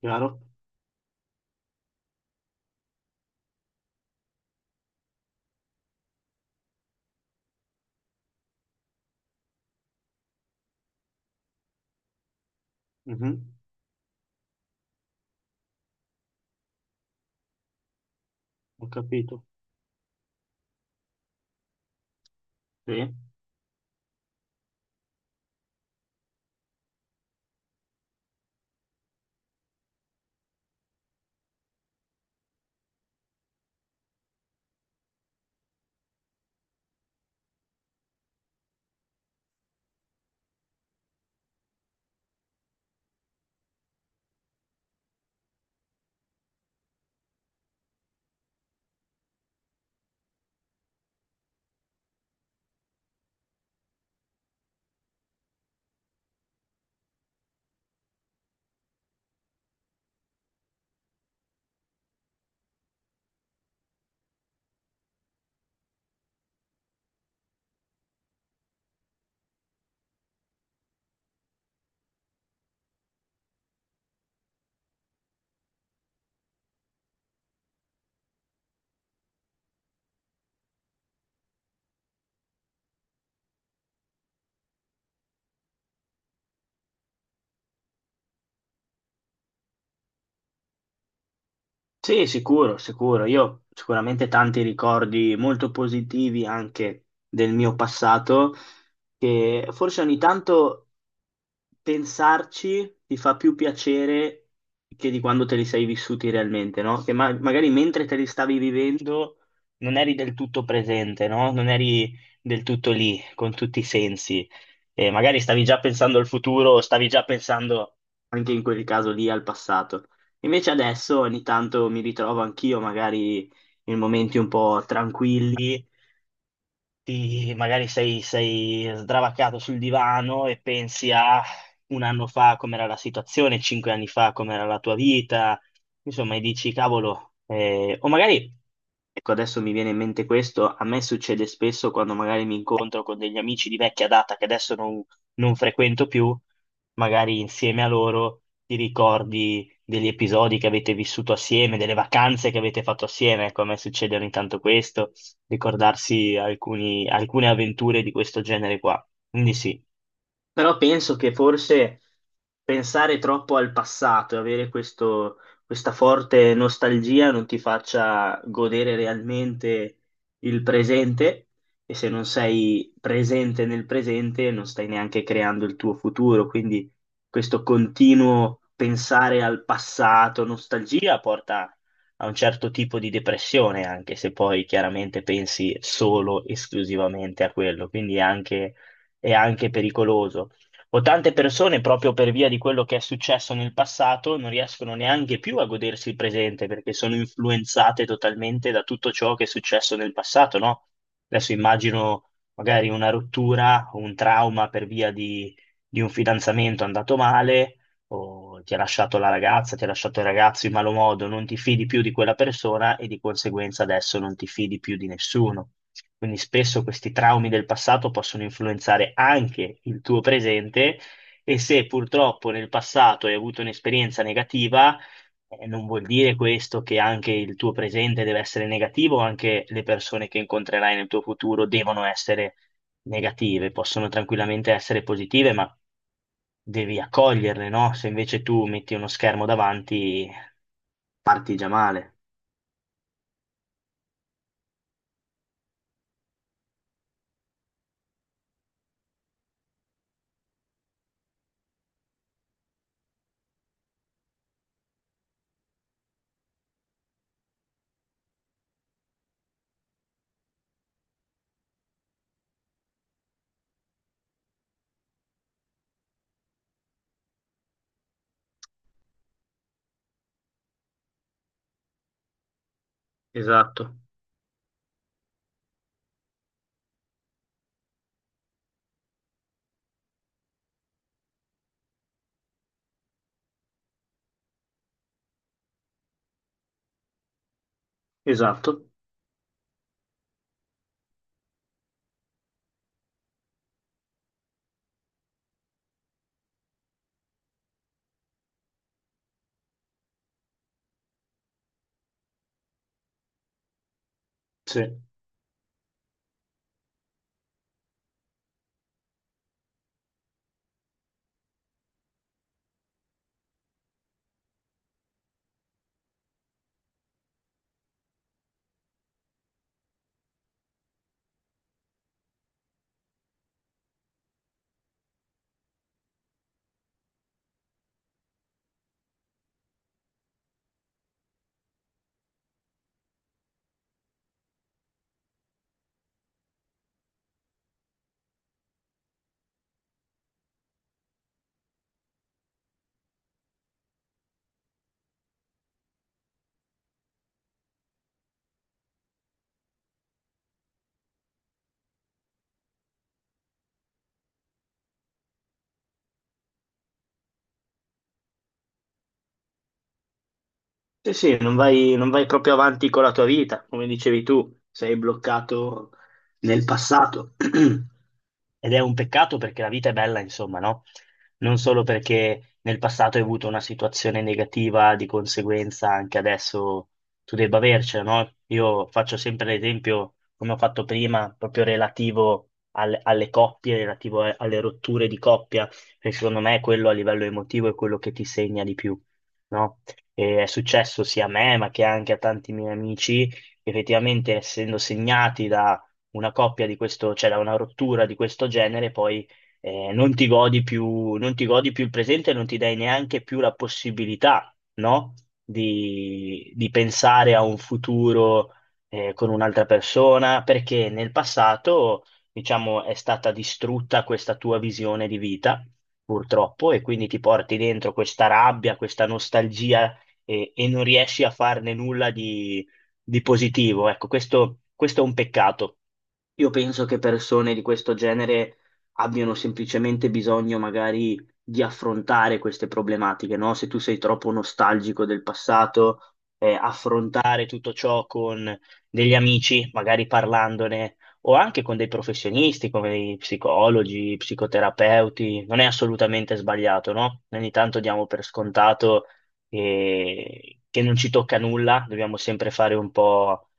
Chiaro? Mhm. Ho capito. Sì. Sì, sicuro, sicuro. Io ho sicuramente tanti ricordi molto positivi anche del mio passato, che forse ogni tanto pensarci ti fa più piacere che di quando te li sei vissuti realmente, no? Che magari mentre te li stavi vivendo non eri del tutto presente, no? Non eri del tutto lì con tutti i sensi. E magari stavi già pensando al futuro, stavi già pensando anche in quel caso lì al passato. Invece adesso ogni tanto mi ritrovo anch'io magari in momenti un po' tranquilli magari sei sdravaccato sul divano e pensi a un anno fa com'era la situazione, 5 anni fa com'era la tua vita, insomma, e dici, cavolo, o magari, ecco, adesso mi viene in mente questo, a me succede spesso quando magari mi incontro con degli amici di vecchia data che adesso non frequento più, magari insieme a loro ti ricordi degli episodi che avete vissuto assieme, delle vacanze che avete fatto assieme, ecco, a me succede ogni tanto questo ricordarsi alcune avventure di questo genere qua. Quindi sì. Però penso che forse pensare troppo al passato e avere questa forte nostalgia non ti faccia godere realmente il presente e se non sei presente nel presente non stai neanche creando il tuo futuro, quindi questo continuo pensare al passato, nostalgia porta a un certo tipo di depressione, anche se poi chiaramente pensi solo esclusivamente a quello, quindi è anche pericoloso o tante persone proprio per via di quello che è successo nel passato non riescono neanche più a godersi il presente perché sono influenzate totalmente da tutto ciò che è successo nel passato, no? Adesso immagino magari una rottura, un trauma per via di un fidanzamento andato male o ti ha lasciato la ragazza, ti ha lasciato il ragazzo in malo modo, non ti fidi più di quella persona e di conseguenza adesso non ti fidi più di nessuno. Quindi spesso questi traumi del passato possono influenzare anche il tuo presente e se purtroppo nel passato hai avuto un'esperienza negativa, non vuol dire questo che anche il tuo presente deve essere negativo, anche le persone che incontrerai nel tuo futuro devono essere negative, possono tranquillamente essere positive, ma devi accoglierle, no? Se invece tu metti uno schermo davanti, parti già male. Esatto, esatto. Sì. Sì, sì, non vai proprio avanti con la tua vita, come dicevi tu, sei bloccato nel passato. Ed è un peccato perché la vita è bella, insomma, no? Non solo perché nel passato hai avuto una situazione negativa, di conseguenza anche adesso tu debba avercela, no? Io faccio sempre l'esempio, come ho fatto prima, proprio relativo alle coppie, relativo alle rotture di coppia, perché secondo me quello a livello emotivo è quello che ti segna di più, no? E è successo sia a me, ma che anche a tanti miei amici, effettivamente essendo segnati da una coppia di questo, cioè da una rottura di questo genere, poi non ti godi più, non ti godi più il presente, non ti dai neanche più la possibilità, no? Di pensare a un futuro con un'altra persona, perché nel passato, diciamo, è stata distrutta questa tua visione di vita, purtroppo, e quindi ti porti dentro questa rabbia, questa nostalgia e non riesci a farne nulla di positivo. Ecco, questo è un peccato. Io penso che persone di questo genere abbiano semplicemente bisogno magari di affrontare queste problematiche, no? Se tu sei troppo nostalgico del passato, affrontare tutto ciò con degli amici, magari parlandone, o anche con dei professionisti come dei psicologi, psicoterapeuti, non è assolutamente sbagliato, no? Ogni tanto diamo per scontato che non ci tocca nulla, dobbiamo sempre fare un po'.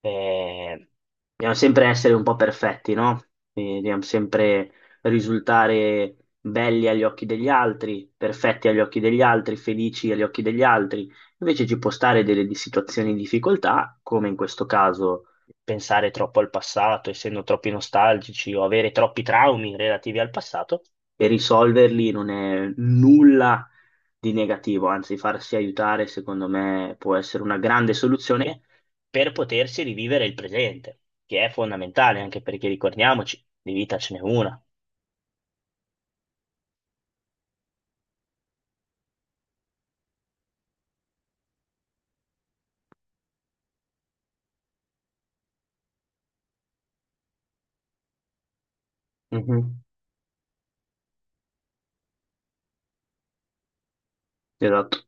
Eh, dobbiamo sempre essere un po' perfetti, no? Quindi dobbiamo sempre risultare belli agli occhi degli altri, perfetti agli occhi degli altri, felici agli occhi degli altri. Invece ci può stare situazioni di difficoltà, come in questo caso pensare troppo al passato, essendo troppi nostalgici o avere troppi traumi relativi al passato, e risolverli non è nulla di negativo, anzi farsi aiutare, secondo me, può essere una grande soluzione per potersi rivivere il presente, che è fondamentale anche perché ricordiamoci, di vita ce n'è una. Mhm. Esatto.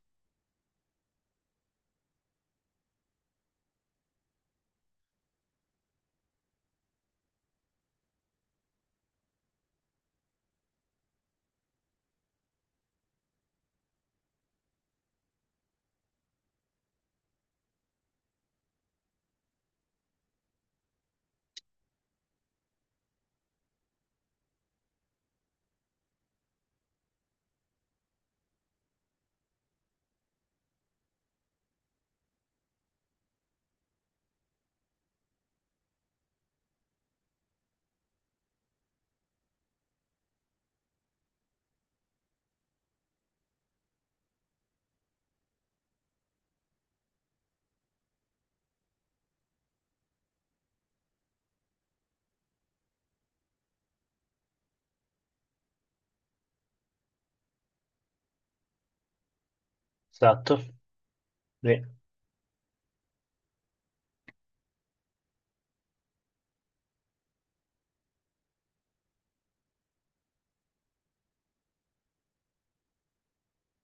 Esatto. Beh,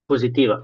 positiva.